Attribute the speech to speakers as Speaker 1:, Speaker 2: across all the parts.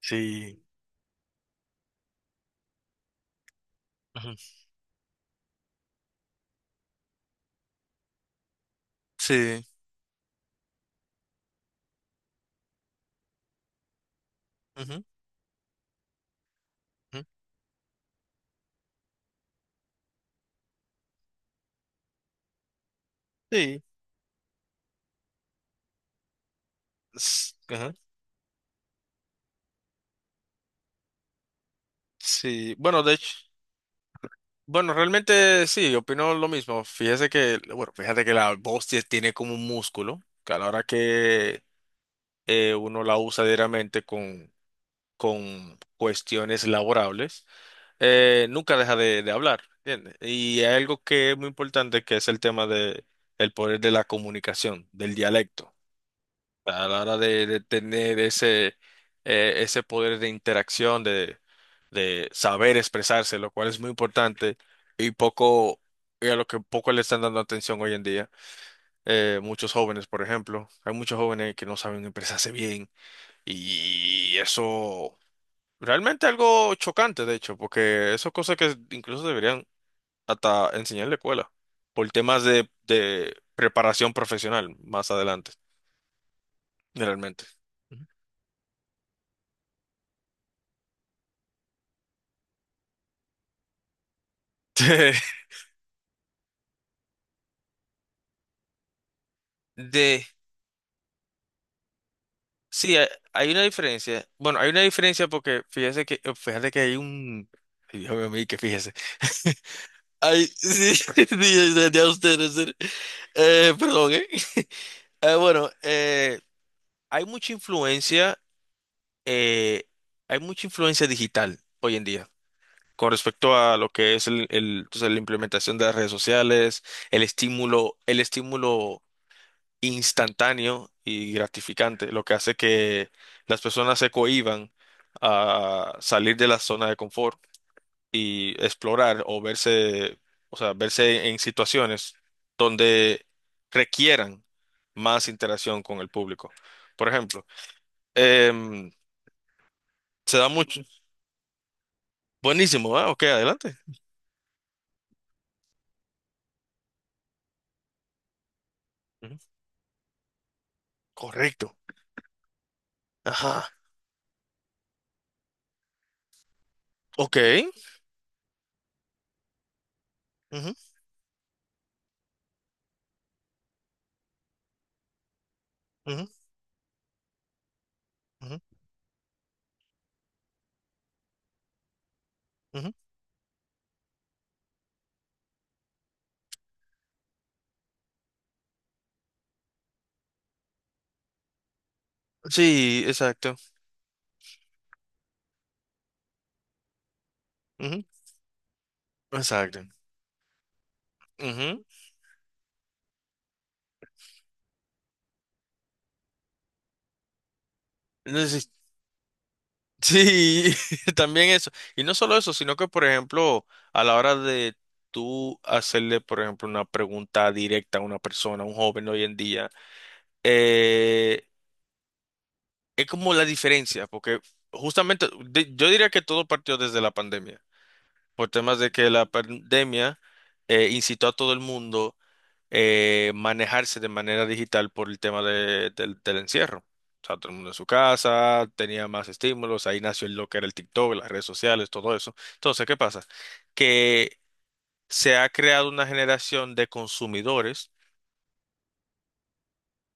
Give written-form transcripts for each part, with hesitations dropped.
Speaker 1: Sí. Ujú. Sí. Ujú. Ujú. Sí. Ajá. Sí. Bueno, de hecho, bueno, realmente sí, opino lo mismo. Fíjate que la voz tiene como un músculo, que a la hora que uno la usa diariamente con cuestiones laborables, nunca deja de hablar, ¿entiendes? Y hay algo que es muy importante, que es el tema de el poder de la comunicación, del dialecto. A la hora de tener ese poder de interacción, de saber expresarse, lo cual es muy importante y poco, y a lo que poco le están dando atención hoy en día. Muchos jóvenes, por ejemplo, hay muchos jóvenes que no saben expresarse bien y eso realmente algo chocante, de hecho, porque eso es cosa que incluso deberían hasta enseñar en la escuela por temas de preparación profesional más adelante, realmente. De, sí, hay una diferencia. Bueno, hay una diferencia porque fíjate que hay un, ay, Dios mío, que fíjese. Ay, sí, sí, ya usted, en serio. Perdón, ¿eh? Eh, bueno, eh, hay mucha influencia, eh, Hay mucha influencia digital hoy en día con respecto a lo que es la implementación de las redes sociales, el estímulo instantáneo y gratificante, lo que hace que las personas se cohíban a salir de la zona de confort y explorar o verse, o sea, verse en situaciones donde requieran más interacción con el público. Por ejemplo, em, se da mucho. Buenísimo, ¿ah? Ok, adelante. Ujú. Correcto. Ajá. Ok. Ujú, ujú, ujú, ujú. Sí, exacto. Ujú. Exacto. Ujú. Sí, también eso. Y no solo eso, sino que, por ejemplo, a la hora de tú hacerle, por ejemplo, una pregunta directa a una persona, a un joven hoy en día, eh, es como la diferencia, porque justamente yo diría que todo partió desde la pandemia, por temas de que la pandemia incitó a todo el mundo manejarse de manera digital por el tema del encierro. O sea, todo el mundo en su casa, tenía más estímulos, ahí nació lo que era el TikTok, las redes sociales, todo eso. Entonces, ¿qué pasa? Que se ha creado una generación de consumidores,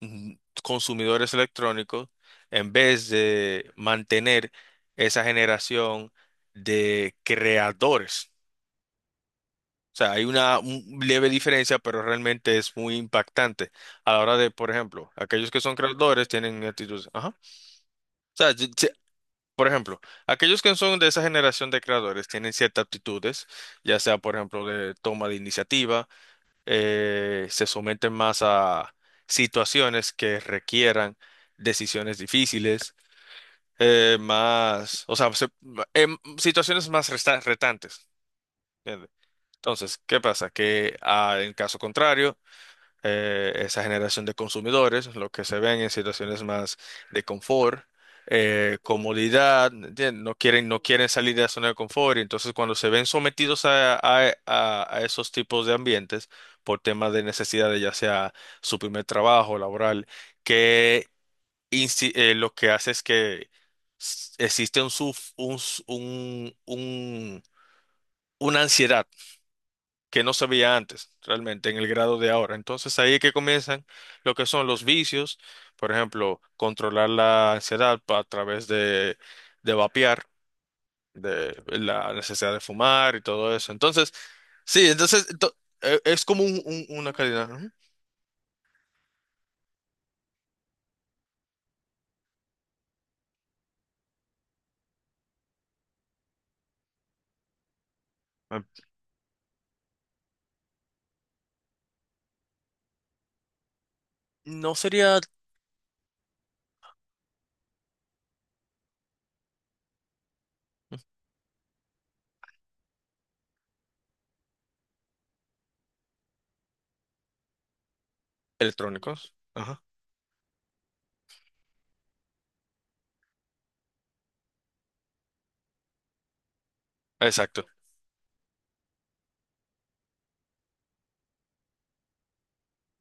Speaker 1: mm, consumidores electrónicos, en vez de mantener esa generación de creadores. O sea, hay leve diferencia, pero realmente es muy impactante a la hora de, por ejemplo, aquellos que son creadores tienen actitudes. Ajá. O sea, por ejemplo, aquellos que son de esa generación de creadores tienen ciertas aptitudes, ya sea, por ejemplo, de toma de iniciativa, se someten más a situaciones que requieran decisiones difíciles, más, o sea, se- em, situaciones más retantes. ¿Entiendes? Entonces, ¿qué pasa? Que en caso contrario, esa generación de consumidores, lo que se ven en situaciones más de confort, comodidad, ¿entiendes? No quieren, no quieren salir de la zona de confort, y entonces cuando se ven sometidos a esos tipos de ambientes por temas de necesidades, ya sea su primer trabajo laboral, que lo que hace es que existe un, suf- un, s- un- una ansiedad que no se veía antes, realmente, en el grado de ahora. Entonces ahí es que comienzan lo que son los vicios, por ejemplo, controlar la ansiedad a través de vapear, de la necesidad de fumar y todo eso. Entonces, sí, es como una calidad. Ujú. No sería electrónicos. Ajá. Exacto.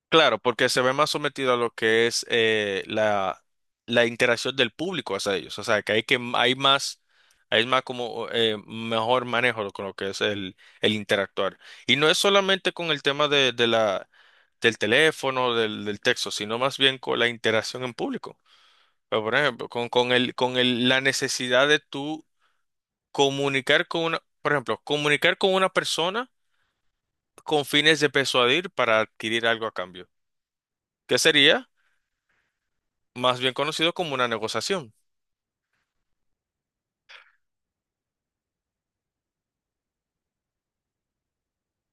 Speaker 1: Claro, porque se ve más sometido a lo que es la interacción del público hacia ellos. O sea, que hay más, hay más como mejor manejo con lo que es el interactuar. Y no es solamente con el tema del teléfono, del texto, sino más bien con la interacción en público. Pero, por ejemplo, la necesidad de tú comunicar con una, por ejemplo, comunicar con una persona con fines de persuadir para adquirir algo a cambio. ¿Qué sería? Más bien conocido como una negociación.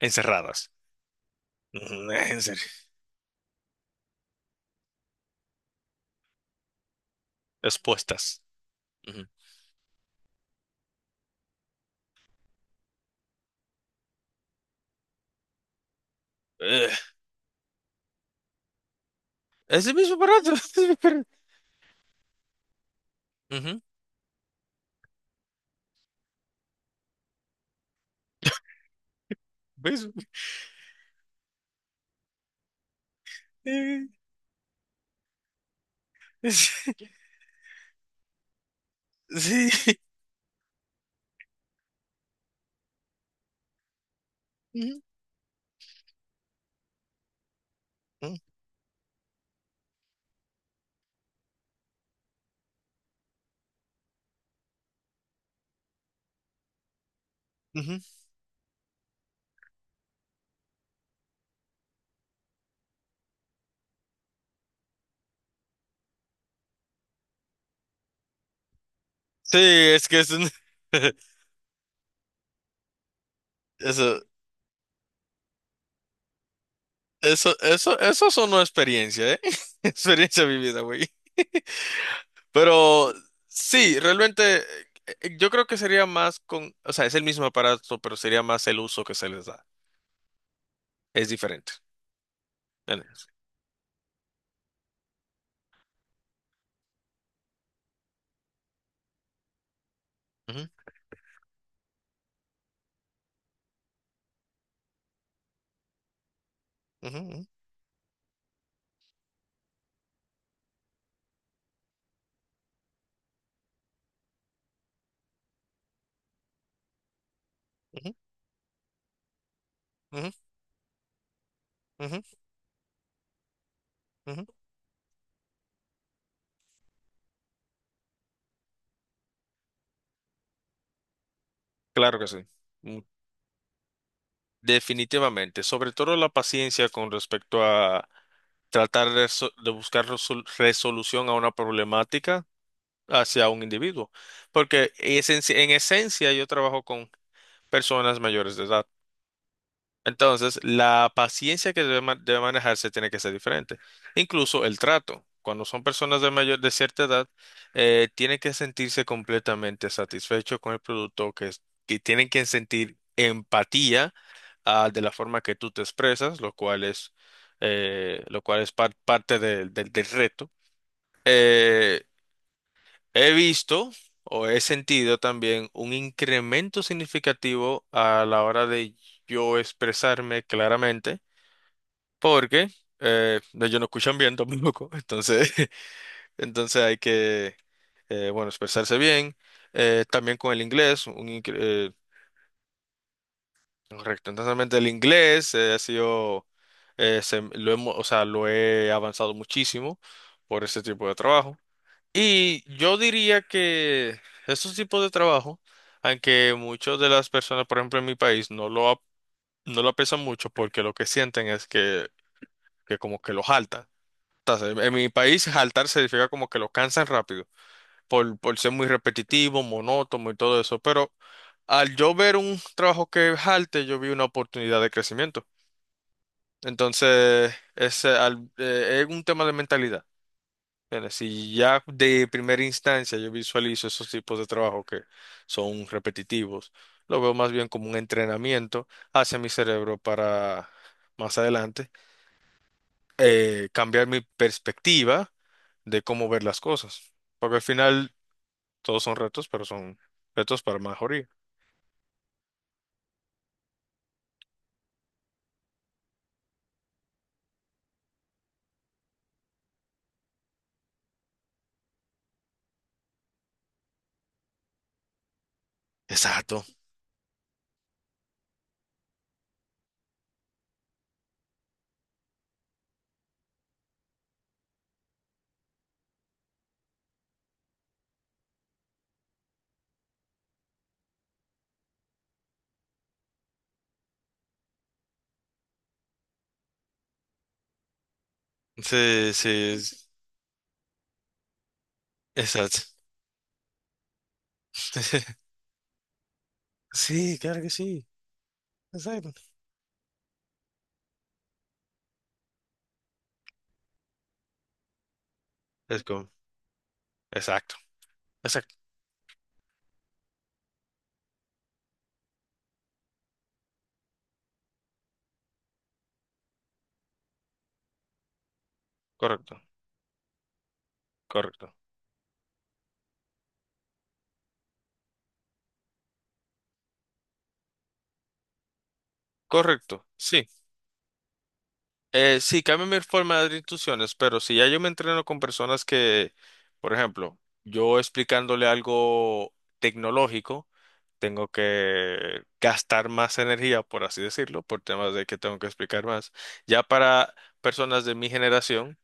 Speaker 1: Encerradas. Ujú. En serio. Expuestas. Ujú. Eh, es el mismo aparato. Es el mismo aparato. Ujú. ¿Ves? Eh, es- Sí. Ujú, ujú, ujú. Sí, es que es Eso, eso sonó experiencia, ¿eh? Experiencia vivida, güey. Pero sí, realmente yo creo que sería más o sea, es el mismo aparato, pero sería más el uso que se les da. Es diferente. Ujú, ujú, ujú. Ujú, ujú, ujú, ujú. Claro que sí, Mm, definitivamente, sobre todo la paciencia con respecto a tratar de buscar resolución a una problemática hacia un individuo, porque es en esencia yo trabajo con personas mayores de edad. Entonces, la paciencia que debe manejarse tiene que ser diferente. Incluso el trato. Cuando son personas de cierta edad, tienen que sentirse completamente satisfechos con el producto, que, que tienen que sentir empatía, de la forma que tú te expresas, lo cual es parte del reto. Eh, He visto o he sentido también un incremento significativo a la hora de yo expresarme claramente porque no, ellos no escuchan bien tampoco, entonces hay que, bueno, expresarse bien, también con el inglés, correcto, entonces realmente el inglés ha sido, o sea, lo he avanzado muchísimo por ese tipo de trabajo, y yo diría que estos tipos de trabajo, aunque muchas de las personas, por ejemplo, en mi país, no lo aprecian mucho porque lo que sienten es que como que lo jaltan. En mi país, jaltar significa como que lo cansan rápido, por ser muy repetitivo, monótono y todo eso. Pero al yo ver un trabajo que jalte, yo vi una oportunidad de crecimiento. Entonces, es un tema de mentalidad. ¿Entiendes? Si ya de primera instancia yo visualizo esos tipos de trabajo que son repetitivos, lo veo más bien como un entrenamiento hacia mi cerebro para más adelante cambiar mi perspectiva de cómo ver las cosas. Porque al final todos son retos, pero son retos para mejoría. Exacto. Sí, sí, exacto. Sí, claro que sí. Exacto. Es como, exacto, exacto, correcto, correcto, correcto, sí. Sí, cambia mi forma de dar instrucciones, pero si ya yo me entreno con personas que, por ejemplo, yo explicándole algo tecnológico, tengo que gastar más energía, por así decirlo, por temas de que tengo que explicar más. Ya para personas de mi generación,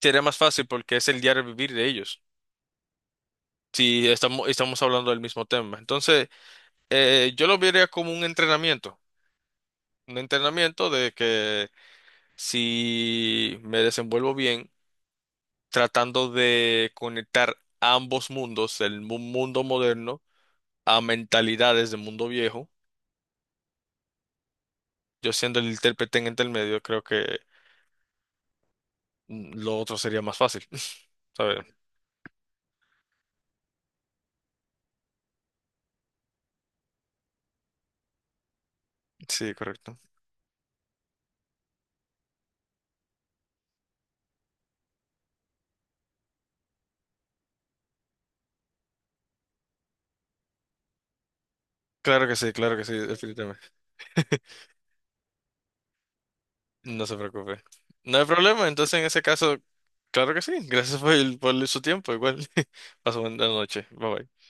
Speaker 1: sería más fácil porque es el diario vivir de ellos, si estamos hablando del mismo tema. Entonces, yo lo vería como un entrenamiento de que si me desenvuelvo bien, tratando de conectar ambos mundos, mundo moderno, a mentalidades del mundo viejo, yo siendo el intérprete en el medio, creo que lo otro sería más fácil. ¿Sabes? Sí, correcto. Claro que sí, definitivamente. No se preocupe. No hay problema, entonces en ese caso, claro que sí. Gracias por, por su tiempo, igual. Paso buena noche. Bye bye.